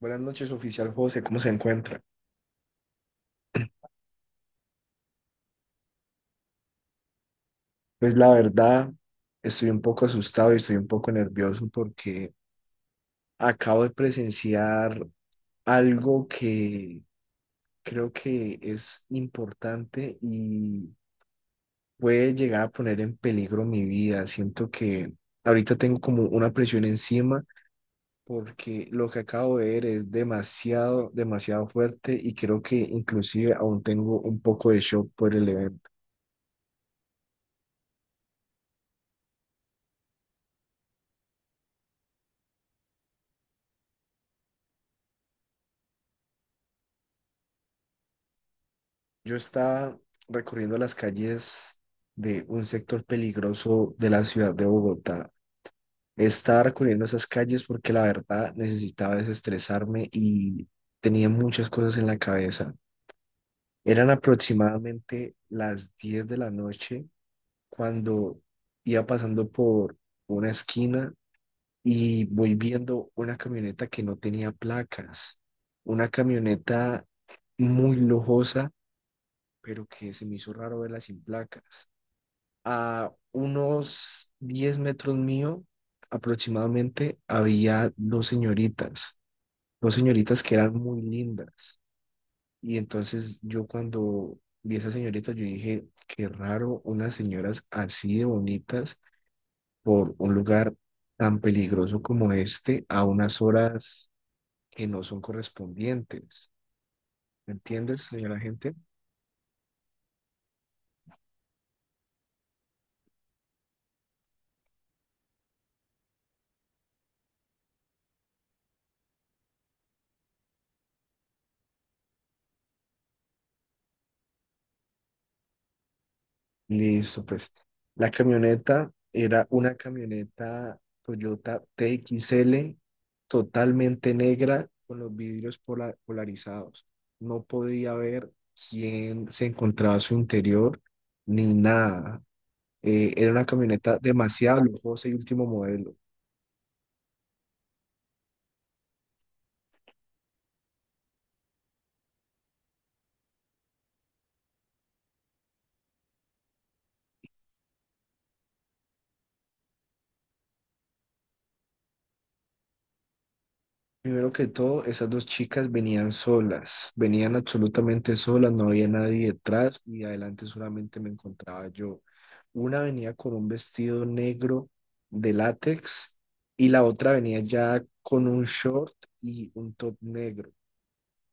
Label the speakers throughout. Speaker 1: Buenas noches, oficial José, ¿cómo se encuentra? Pues la verdad, estoy un poco asustado y estoy un poco nervioso porque acabo de presenciar algo que creo que es importante y puede llegar a poner en peligro mi vida. Siento que ahorita tengo como una presión encima porque lo que acabo de ver es demasiado, demasiado fuerte y creo que inclusive aún tengo un poco de shock por el evento. Yo estaba recorriendo las calles de un sector peligroso de la ciudad de Bogotá. Estaba recorriendo esas calles porque la verdad necesitaba desestresarme y tenía muchas cosas en la cabeza. Eran aproximadamente las 10 de la noche cuando iba pasando por una esquina y voy viendo una camioneta que no tenía placas. Una camioneta muy lujosa, pero que se me hizo raro verla sin placas. A unos 10 metros mío aproximadamente había dos señoritas que eran muy lindas. Y entonces yo cuando vi a esas señoritas, yo dije, qué raro unas señoras así de bonitas por un lugar tan peligroso como este a unas horas que no son correspondientes. ¿Me entiendes, señora gente? Listo, pues. La camioneta era una camioneta Toyota T X L totalmente negra con los vidrios polarizados. No podía ver quién se encontraba a su interior ni nada. Era una camioneta demasiado lujosa y último modelo. Primero que todo, esas dos chicas venían solas, venían absolutamente solas, no había nadie detrás y adelante solamente me encontraba yo. Una venía con un vestido negro de látex y la otra venía ya con un short y un top negro.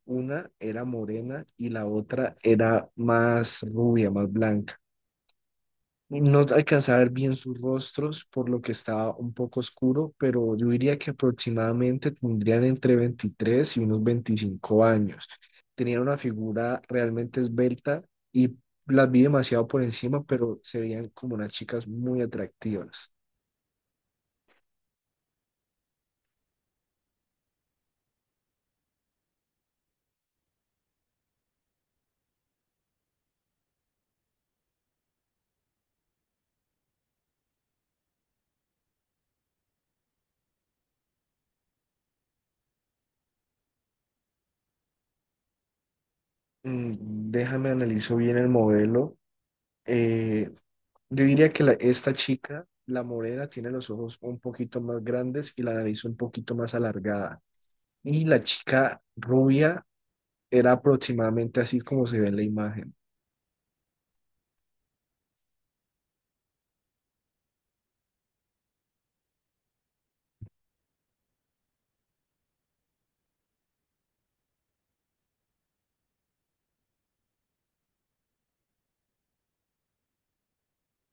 Speaker 1: Una era morena y la otra era más rubia, más blanca. No alcancé a ver bien sus rostros, por lo que estaba un poco oscuro, pero yo diría que aproximadamente tendrían entre 23 y unos 25 años. Tenían una figura realmente esbelta y las vi demasiado por encima, pero se veían como unas chicas muy atractivas. Déjame analizo bien el modelo. Eh, yo diría que esta chica, la morena, tiene los ojos un poquito más grandes y la nariz un poquito más alargada. Y la chica rubia era aproximadamente así como se ve en la imagen.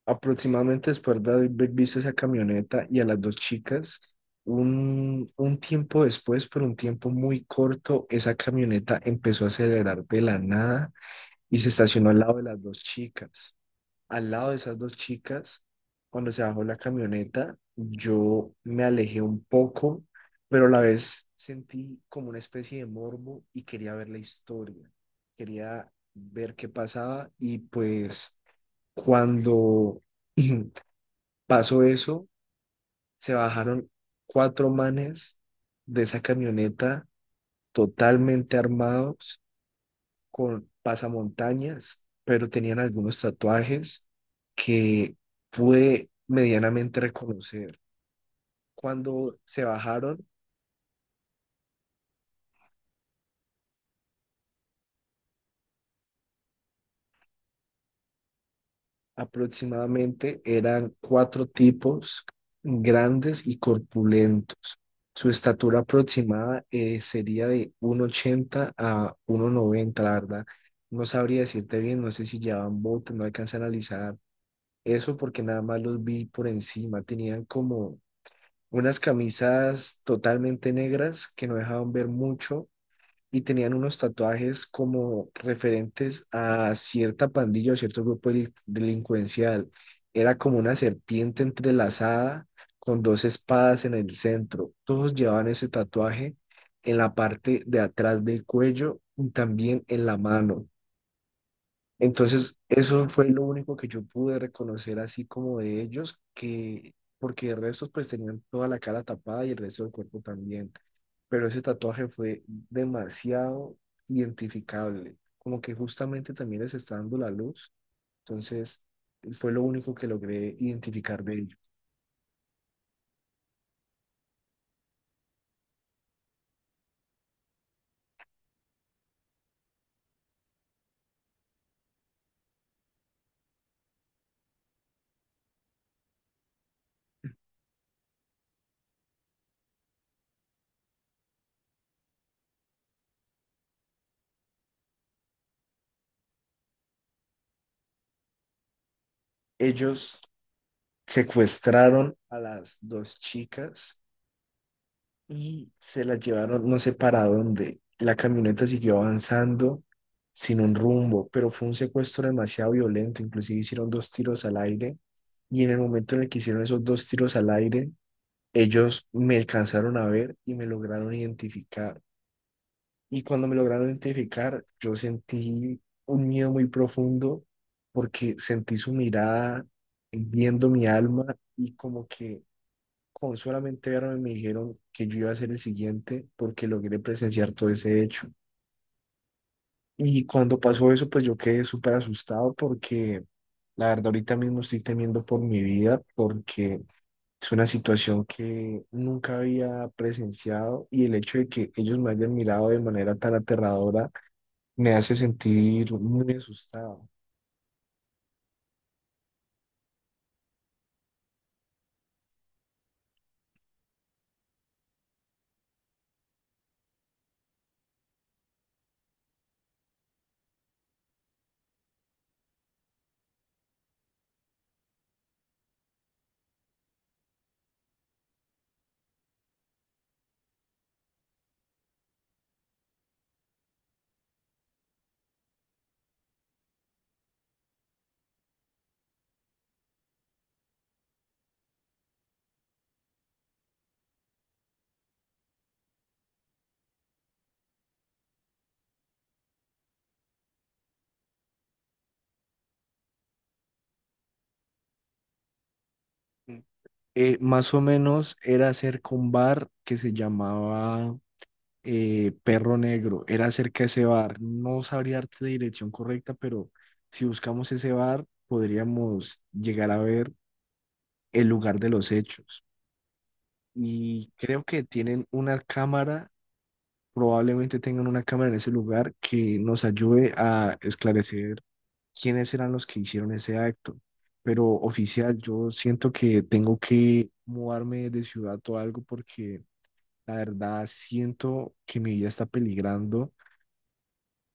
Speaker 1: Aproximadamente después de haber visto esa camioneta y a las dos chicas, un tiempo después, pero un tiempo muy corto, esa camioneta empezó a acelerar de la nada y se estacionó al lado de las dos chicas. Al lado de esas dos chicas, cuando se bajó la camioneta, yo me alejé un poco, pero a la vez sentí como una especie de morbo y quería ver la historia, quería ver qué pasaba y pues cuando pasó eso, se bajaron cuatro manes de esa camioneta totalmente armados con pasamontañas, pero tenían algunos tatuajes que pude medianamente reconocer. Cuando se bajaron, aproximadamente eran cuatro tipos grandes y corpulentos. Su estatura aproximada sería de 1,80 a 1,90, la verdad. No sabría decirte bien, no sé si llevaban botas, no alcancé a analizar eso porque nada más los vi por encima. Tenían como unas camisas totalmente negras que no dejaban ver mucho y tenían unos tatuajes como referentes a cierta pandilla o cierto grupo delincuencial. Era como una serpiente entrelazada con dos espadas en el centro. Todos llevaban ese tatuaje en la parte de atrás del cuello y también en la mano. Entonces, eso fue lo único que yo pude reconocer así como de ellos, que porque el resto pues tenían toda la cara tapada y el resto del cuerpo también, pero ese tatuaje fue demasiado identificable, como que justamente también les está dando la luz, entonces fue lo único que logré identificar de ellos. Ellos secuestraron a las dos chicas y se la llevaron no sé para dónde. La camioneta siguió avanzando sin un rumbo, pero fue un secuestro demasiado violento. Inclusive hicieron dos tiros al aire y en el momento en el que hicieron esos dos tiros al aire, ellos me alcanzaron a ver y me lograron identificar. Y cuando me lograron identificar, yo sentí un miedo muy profundo porque sentí su mirada viendo mi alma y como que con solamente verme me dijeron que yo iba a ser el siguiente porque logré presenciar todo ese hecho. Y cuando pasó eso, pues yo quedé súper asustado porque la verdad ahorita mismo estoy temiendo por mi vida porque es una situación que nunca había presenciado y el hecho de que ellos me hayan mirado de manera tan aterradora me hace sentir muy asustado. Más o menos era cerca un bar que se llamaba Perro Negro, era cerca de ese bar. No sabría darte la dirección correcta, pero si buscamos ese bar, podríamos llegar a ver el lugar de los hechos. Y creo que tienen una cámara, probablemente tengan una cámara en ese lugar que nos ayude a esclarecer quiénes eran los que hicieron ese acto. Pero oficial, yo siento que tengo que mudarme de ciudad o algo porque la verdad siento que mi vida está peligrando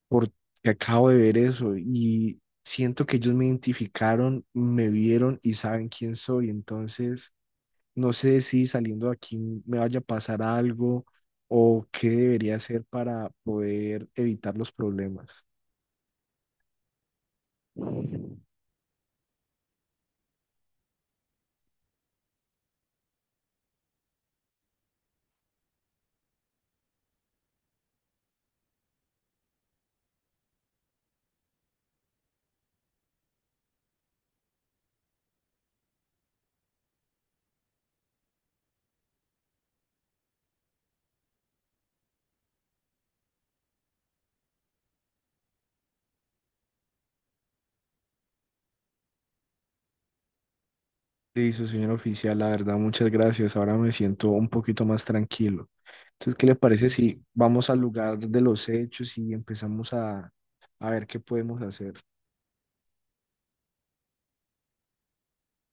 Speaker 1: porque acabo de ver eso y siento que ellos me identificaron, me vieron y saben quién soy. Entonces, no sé si saliendo de aquí me vaya a pasar algo o qué debería hacer para poder evitar los problemas. Listo, señor oficial, la verdad, muchas gracias. Ahora me siento un poquito más tranquilo. Entonces, ¿qué le parece si vamos al lugar de los hechos y empezamos a ver qué podemos hacer?